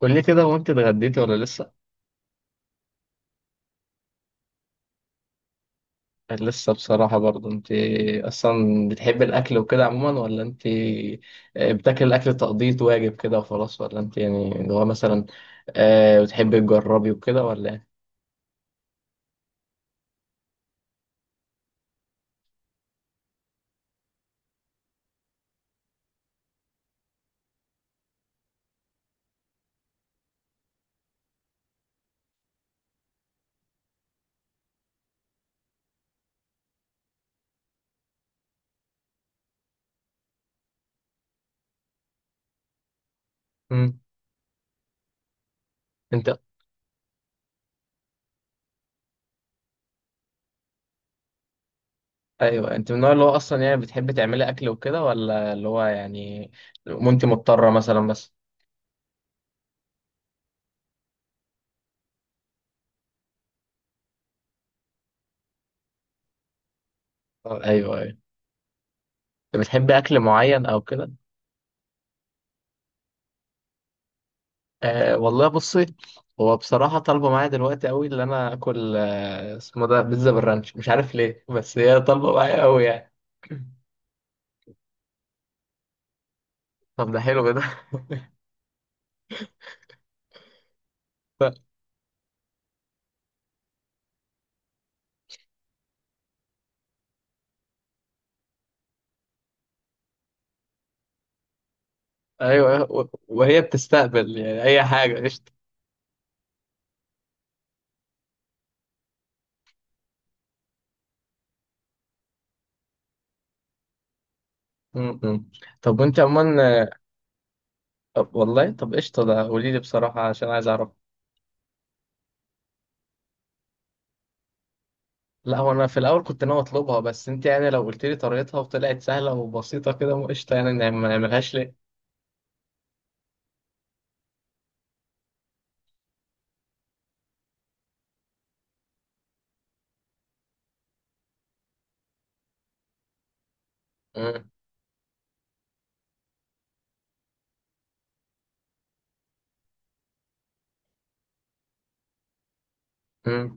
قول لي كده، وانت اتغديتي ولا لسه؟ يعني لسه بصراحة برضه. انت اصلا بتحبي الاكل وكده عموما، ولا انت بتاكل الاكل تقضية واجب كده وخلاص، ولا انت يعني اللي هو مثلا بتحبي تجربي وكده، ولا ايه؟ مم. انت ايوه، انت من النوع اللي هو اصلا يعني بتحبي تعملي اكل وكده، ولا اللي هو يعني وانت مضطرة مثلا بس؟ ايوه، ايوه. انت بتحبي اكل معين او كده؟ أه والله بصي. هو بصراحة طالبة معايا دلوقتي قوي اللي أنا آكل، اسمه ده بيتزا بالرانش، مش عارف ليه، بس هي طالبة معايا قوي يعني. طب ده حلو ده. ف- أيوه أيوه، وهي بتستقبل يعني أي حاجة، قشطة. م- م. طب وأنت عموما طب والله، طب قشطة، ده قولي لي بصراحة عشان عايز أعرف. لا هو أنا في الأول كنت ناوي أطلبها، بس أنت يعني لو قلت لي طريقتها وطلعت سهلة وبسيطة كده، قشطة، يعني ما نعملهاش ليه؟ م- م.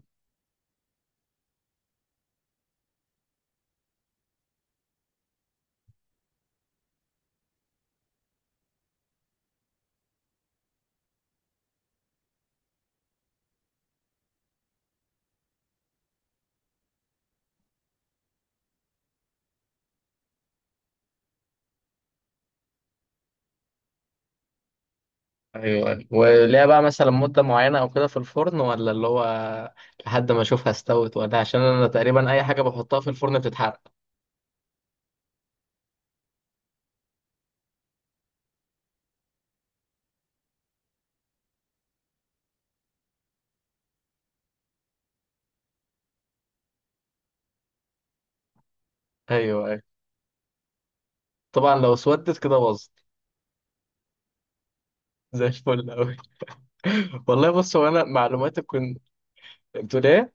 ايوه أيوة. وليها بقى مثلا مده معينه او كده في الفرن، ولا اللي هو لحد ما اشوفها استوت؟ ولا عشان انا تقريبا اي حاجه بحطها في الفرن بتتحرق. ايوه ايوه، طبعا لو اسودت كده باظت. زي الفل قوي. والله بص، هو انا معلوماتي كنت. بتقول ايه؟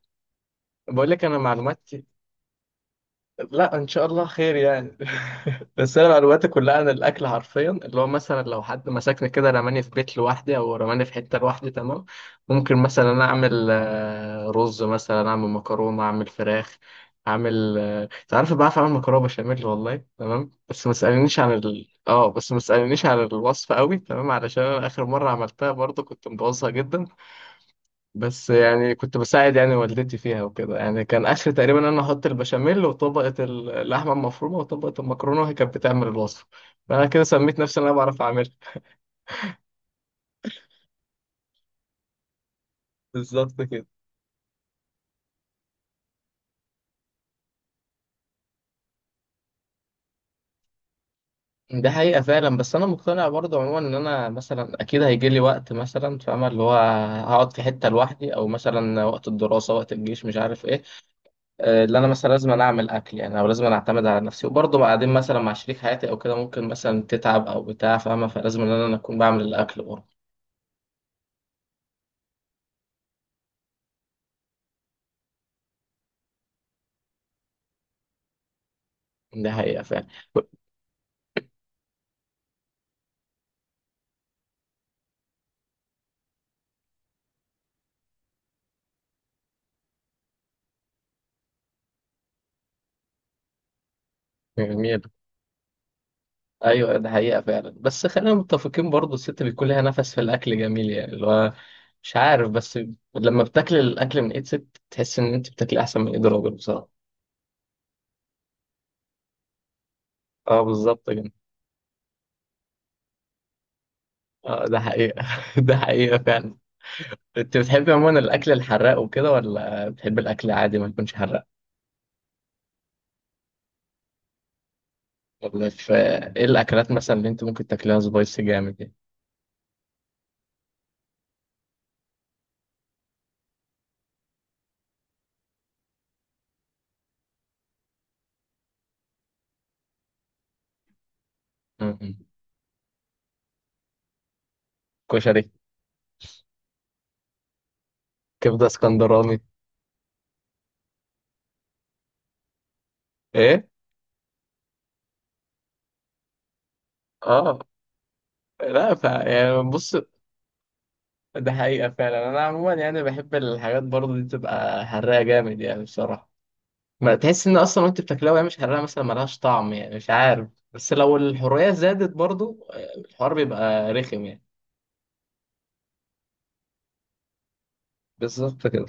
بقول لك، انا معلوماتي. لا ان شاء الله خير يعني. بس انا معلوماتي كلها عن الاكل حرفيا اللي هو مثلا لو حد مسكني كده رماني في بيت لوحدي او رماني في حته لوحدي، تمام. ممكن مثلا انا اعمل رز، مثلا اعمل مكرونه، اعمل فراخ، اعمل انت عارف، بعرف اعمل مكرونه بشاميل والله، تمام. بس ما تسالنيش عن الوصفه قوي، تمام علشان انا اخر مره عملتها برضو كنت مبوظها جدا. بس يعني كنت بساعد يعني والدتي فيها وكده، يعني كان اخر تقريبا انا احط البشاميل وطبقه اللحمه المفرومه وطبقه المكرونه وهي كانت بتعمل الوصفه. فانا كده سميت نفسي ان انا بعرف اعملها. بالظبط كده. ده حقيقة فعلا، بس أنا مقتنع برضه عموما إن أنا مثلا أكيد هيجي لي وقت مثلا فاهمة اللي هو هقعد في حتة لوحدي، أو مثلا وقت الدراسة، وقت الجيش، مش عارف إيه. اللي أنا مثلا لازم أنا أعمل أكل يعني، أو لازم أنا أعتمد على نفسي، وبرضه بعدين مثلا مع شريك حياتي أو كده ممكن مثلا تتعب أو بتاع، فاهمة، فلازم إن أنا أكون بعمل الأكل برضه. ده حقيقة فعلا. جميل. ايوه، ده حقيقة فعلا بس خلينا متفقين برضو الست بيكون لها نفس في الاكل، جميل يعني اللي هو مش عارف، بس لما بتاكل الاكل من ايد ست تحس ان انت بتاكلي احسن من ايد راجل بصراحة. اه، بالظبط كده. اه، ده حقيقة ده حقيقة فعلا. انت بتحبي عموما الاكل الحراق وكده، ولا بتحبي الاكل عادي ما يكونش حراق؟ ولا في؟ ايه الاكلات مثلا اللي انت ممكن تاكليها سبايسي جامد يعني؟ م- م. كشري. كبدة اسكندراني. ايه. اه، لا يعني بص. ده حقيقة فعلا، أنا عموما يعني بحب الحاجات برضه دي تبقى حراقة جامد يعني بصراحة. ما تحس إن أصلا وأنت بتاكلها وهي مش حراقة مثلا ملهاش طعم يعني مش عارف، بس لو الحرية زادت برضه الحوار بيبقى رخم يعني. بالظبط كده.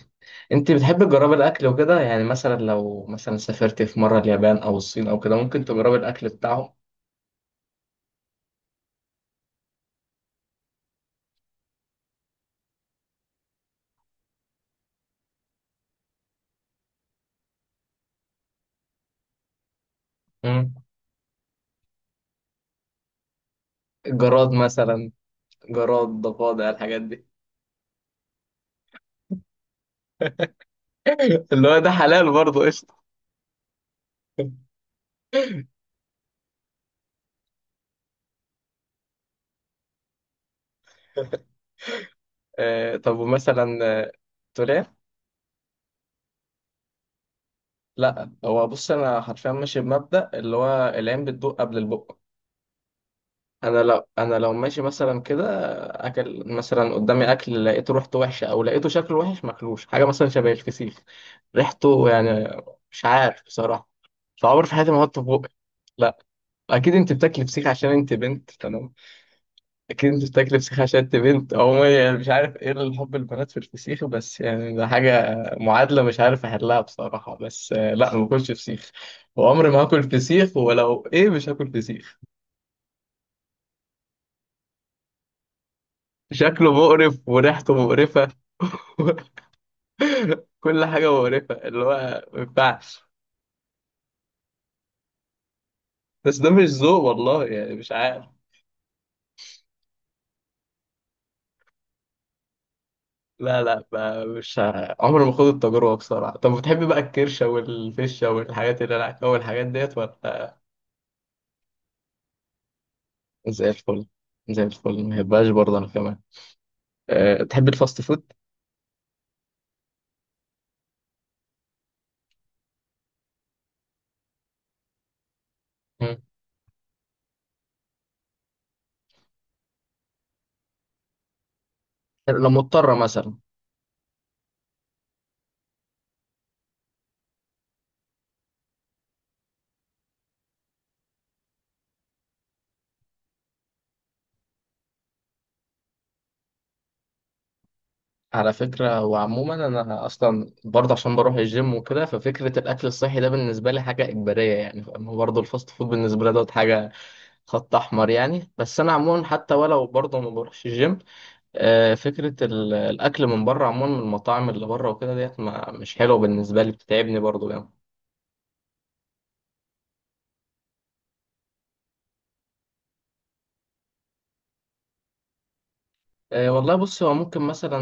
أنت بتحب تجربي الأكل وكده، يعني مثلا لو مثلا سافرت في مرة اليابان أو الصين أو كده، ممكن تجربي الأكل بتاعهم؟ مم. جراد مثلا، جراد، ضفادع، الحاجات دي. اللي هو ده حلال برضه، قشطة. طب ومثلا تقول إيه؟ لا هو بص انا حرفيا ماشي بمبدأ اللي هو العين بتدوق قبل البق. انا لو ماشي مثلا كده، اكل مثلا قدامي، اكل لقيته ريحته وحشه او لقيته شكله وحش، ماكلوش حاجه مثلا شبه الفسيخ، ريحته يعني مش عارف بصراحه، فعمر في حياتي ما احطه في بقي. لا. اكيد انت بتاكلي فسيخ عشان انت بنت. اكيد انت بتاكل فسيخ عشان انت بنت عموما، يعني مش عارف ايه الحب البنات في الفسيخ، بس يعني ده حاجه معادله مش عارف احلها بصراحه، بس لا ما باكلش فسيخ. وعمري ما هاكل فسيخ، ولو ايه مش هاكل فسيخ. شكله مقرف وريحته مقرفه. كل حاجه مقرفه اللي هو ما ينفعش. بس ده مش ذوق والله يعني مش عارف. لا لا، ما- مش ه- عمري ما خد التجربه بصراحه. طب بتحبي بقى الكرشه والفشه والحاجات اللي انا اول الحاجات ديت ولا؟ زي الفل. زي الفل، ما يبقاش برضه انا كمان. أه تحب الفاست فود؟ مم. لو مضطرة مثلا. على فكرة وعموما انا اصلا برضه عشان بروح الجيم وكده، ففكرة الاكل الصحي ده بالنسبة لي حاجة اجبارية يعني فاهم، هو برضه الفاست فود بالنسبة لي دوت حاجة، خط احمر يعني، بس انا عموما حتى ولو برضه ما بروحش الجيم. أه فكرة الاكل من بره عموما من المطاعم اللي بره وكده ديت مش حلوة بالنسبة لي، بتتعبني برضه يعني. والله بص، هو ممكن مثلا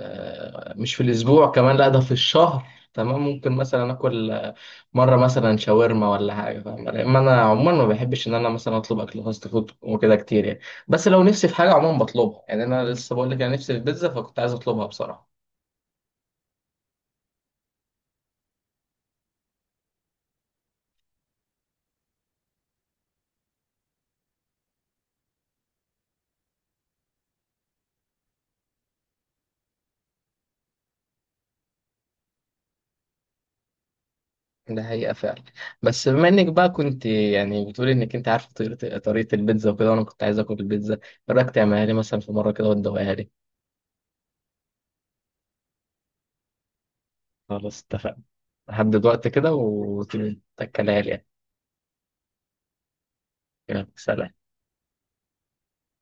مش في الأسبوع كمان، لا ده في الشهر، تمام. ممكن مثلا آكل مرة مثلا شاورما ولا حاجة فاهم، لأن أنا عموما ما بحبش إن أنا مثلا أطلب أكل فاست فود وكده كتير يعني. بس لو نفسي في حاجة عموما بطلبها، يعني أنا لسه بقول لك أنا نفسي في بيتزا، فكنت عايز أطلبها بصراحة. ده حقيقة فعلا، بس بما إنك بقى كنت يعني بتقولي إنك أنت عارفة طريقة البيتزا وكده، وأنا كنت عايز آكل البيتزا، إيه رأيك تعملها لي مثلا في مرة كده وتدوقها لي؟ خلاص اتفقنا. هحدد وقت كده وتاكلها لي يعني. تمام، سلام.